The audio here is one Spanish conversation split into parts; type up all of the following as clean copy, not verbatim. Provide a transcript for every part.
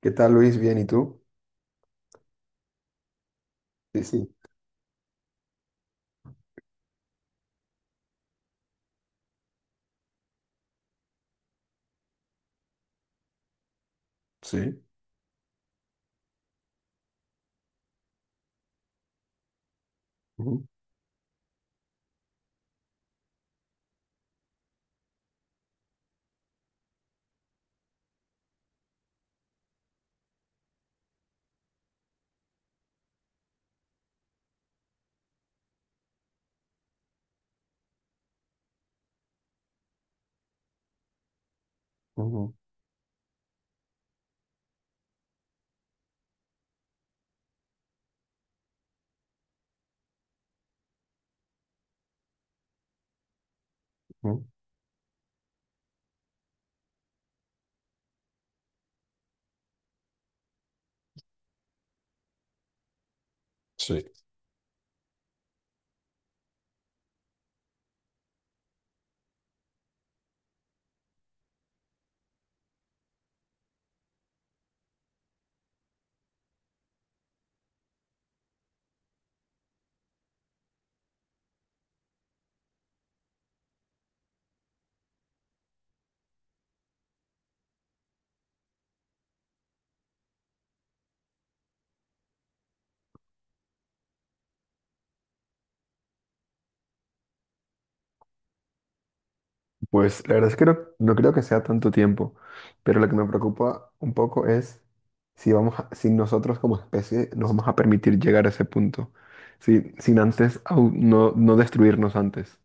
¿Qué tal, Luis? ¿Bien? ¿Y tú? Sí, sí. Sí. Ujú, ujú, ujú. Sí. Pues la verdad es que no creo que sea tanto tiempo, pero lo que me preocupa un poco es si nosotros como especie nos vamos a permitir llegar a ese punto, si- sin antes au- no destruirnos antes.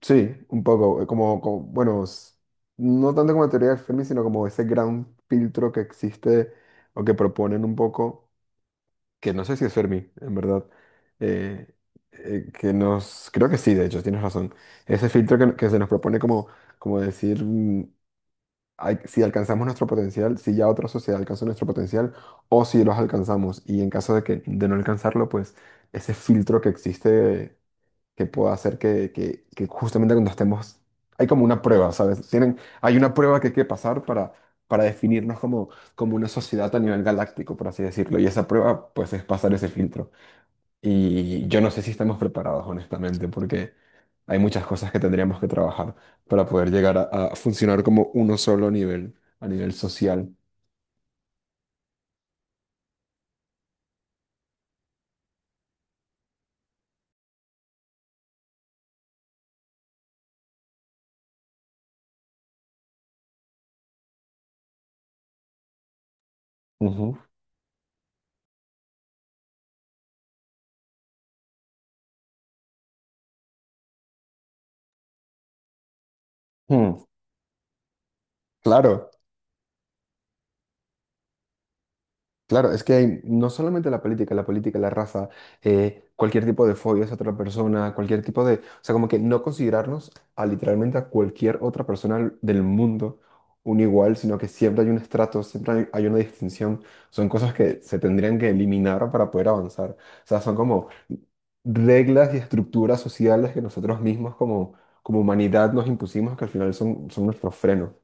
Sí, un poco, como, bueno, no tanto como teoría de Fermi, sino como ese gran filtro que existe o que proponen un poco. Que no sé si es Fermi, en verdad, eh, creo que sí, de hecho, tienes razón. Ese filtro que se nos propone como, como decir ay, si alcanzamos nuestro potencial, si ya otra sociedad alcanzó nuestro potencial o si los alcanzamos y en caso de que de no alcanzarlo, pues ese filtro que existe que pueda hacer que justamente cuando estemos, hay como una prueba, ¿sabes? Hay una prueba que hay que pasar para definirnos como, como una sociedad a nivel galáctico, por así decirlo, y esa prueba pues es pasar ese filtro. Y yo no sé si estamos preparados, honestamente, porque hay muchas cosas que tendríamos que trabajar para poder llegar a funcionar como uno solo a nivel social. Ujú. Mm, claro. Claro, es que hay no solamente la política, la raza, cualquier tipo de fobia hacia otra persona, cualquier tipo de, o sea, como que no considerarnos a literalmente a cualquier otra persona del mundo un igual, sino que siempre hay un estrato, hay una distinción, son cosas que se tendrían que eliminar para poder avanzar. O sea, son como reglas y estructuras sociales que nosotros mismos como, como humanidad nos impusimos que al final son nuestro freno.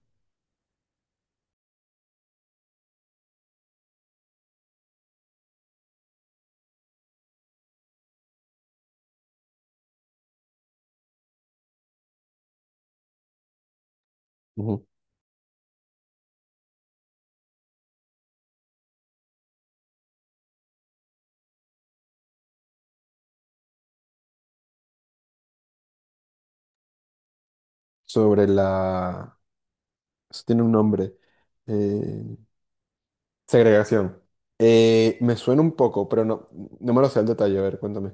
Ujú. Sobre la... Eso tiene un nombre. Eh, Segregación. Me suena un poco, pero no, no me lo sé al detalle. A ver, cuéntame.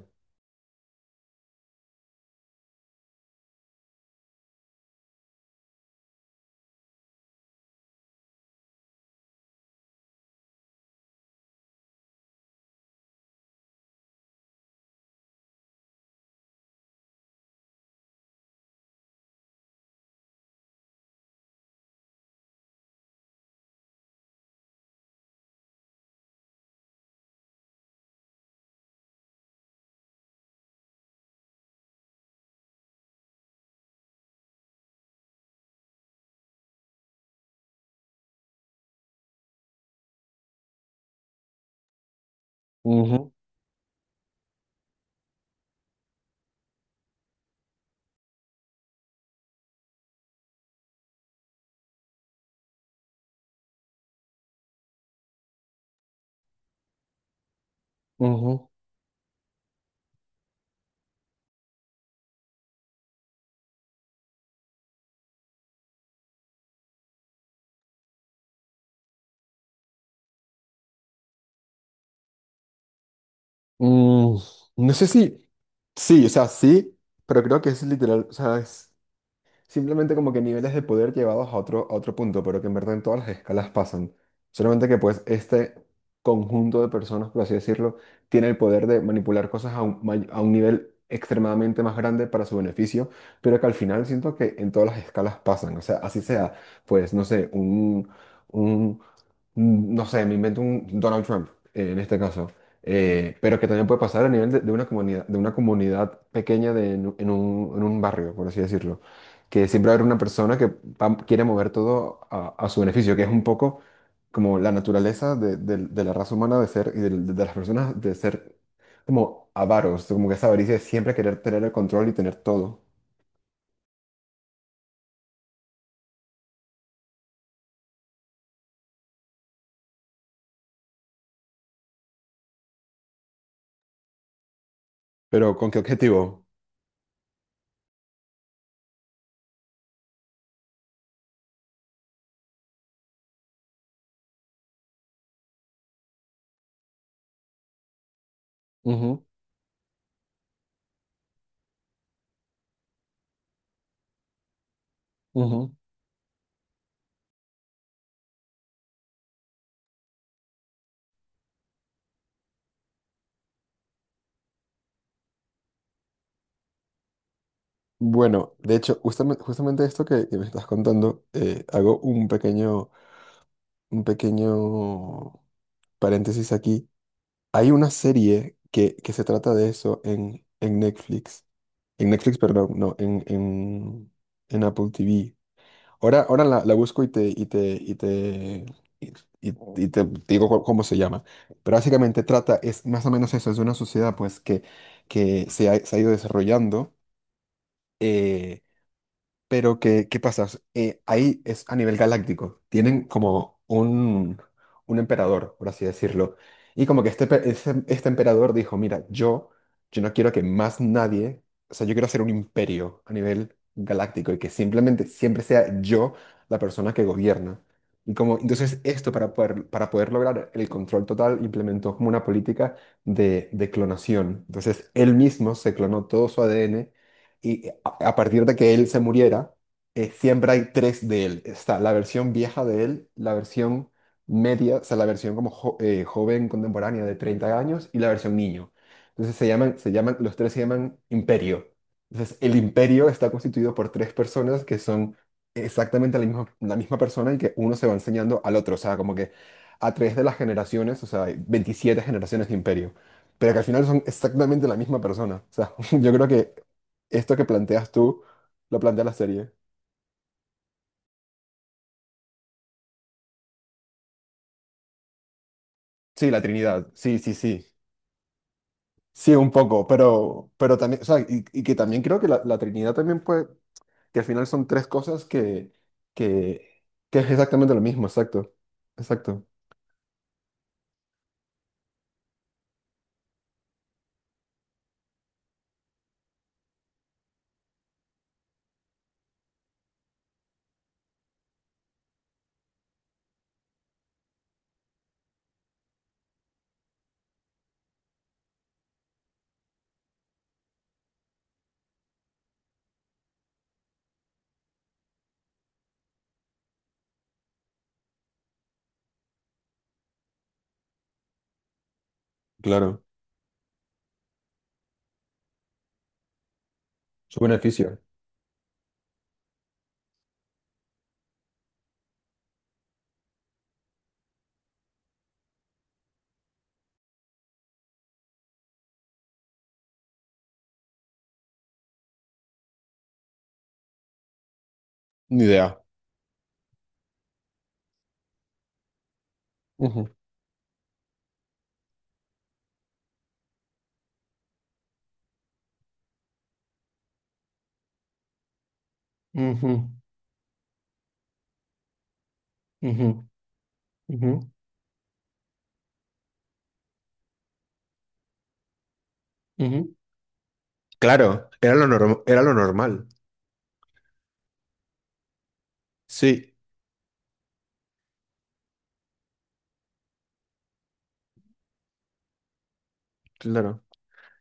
Ujú, ujú. Mm, no sé si. Sí, o sea, sí, pero creo que es literal, o sea, es simplemente como que niveles de poder llevados a otro punto, pero que en verdad en todas las escalas pasan. Solamente que pues este conjunto de personas, por así decirlo, tiene el poder de manipular cosas a un, a un nivel extremadamente más grande para su beneficio, pero que al final siento que en todas las escalas pasan. O sea, así sea, pues no sé, un no sé, me invento un Donald Trump en este caso, pero que también puede pasar a nivel de una comunidad pequeña de, en, un, en un- en un barrio, por así decirlo, que siempre va a haber una persona que quiere mover todo a su beneficio, que es un poco como la naturaleza de la raza humana de ser de las personas de ser como avaros, como que esa avaricia de siempre querer tener el control y tener todo. Pero ¿con qué objetivo? Ujú, ujú. Bueno, de hecho, justamente esto que me estás contando, hago un pequeño paréntesis aquí. Hay una serie que se trata de eso en Netflix. En Netflix, perdón, no, en Apple TV. Ahora, ahora la busco y, y te digo cómo se llama. Pero básicamente trata, es más o menos eso, es de una sociedad pues que se ha ido desarrollando. eh, Pero ¿qué, qué pasa? Ahí es a nivel galáctico. Tienen como un emperador, por así decirlo. Y como que este emperador dijo, mira, yo no quiero que más nadie, o sea, yo quiero hacer un imperio a nivel galáctico y que simplemente siempre sea yo la persona que gobierna. Y como, entonces esto para poder lograr el control total implementó como una política de clonación. Entonces él mismo se clonó todo su ADN a partir de que él se muriera, siempre hay tres de él. Está la versión vieja de él, la versión media, o sea, la versión como joven contemporánea de 30 años y la versión niño. Entonces los tres se llaman imperio. Entonces el imperio está constituido por tres personas que son exactamente la misma persona y que uno se va enseñando al otro. O sea, como que a través de las generaciones, o sea, hay 27 generaciones de imperio. Pero que al final son exactamente la misma persona. O sea, yo creo que esto que planteas tú lo plantea la serie. Sí, la Trinidad, sí, sí, sí. Sí, un poco, pero también, o sea, y que también creo que la Trinidad también puede, que al final son tres cosas que, que es exactamente lo mismo, exacto, exacto. Claro, su beneficio. Ni idea. Ujú, ujú, ujú, ujú, ujú. Claro, era lo era lo normal. Sí, claro.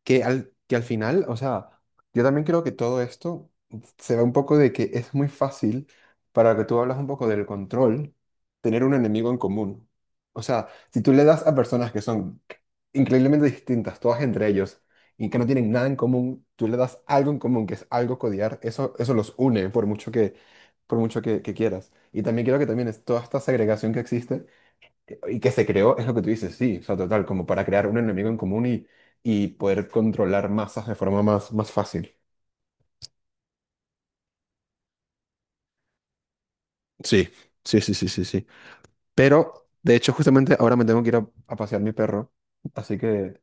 Que al, que al final, o sea, yo también creo que todo esto se ve un poco de que es muy fácil para lo que tú hablas un poco del control, tener un enemigo en común. O sea, si tú le das a personas que son increíblemente distintas, todas entre ellos, y que no tienen nada en común, tú le das algo en común, que es algo codiar eso, eso los une por mucho que, por mucho que quieras. Y también creo que también es toda esta segregación que existe y que se creó, es lo que tú dices, sí, o sea, total, como para crear un enemigo en común y poder controlar masas de forma más, más fácil. Sí, sí, sí, sí, sí, sí. Pero, de hecho, justamente ahora me tengo que ir a pasear mi perro, así que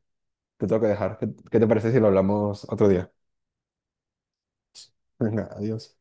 te tengo que dejar. ¿Qué, qué te parece si lo hablamos otro día? Venga, adiós.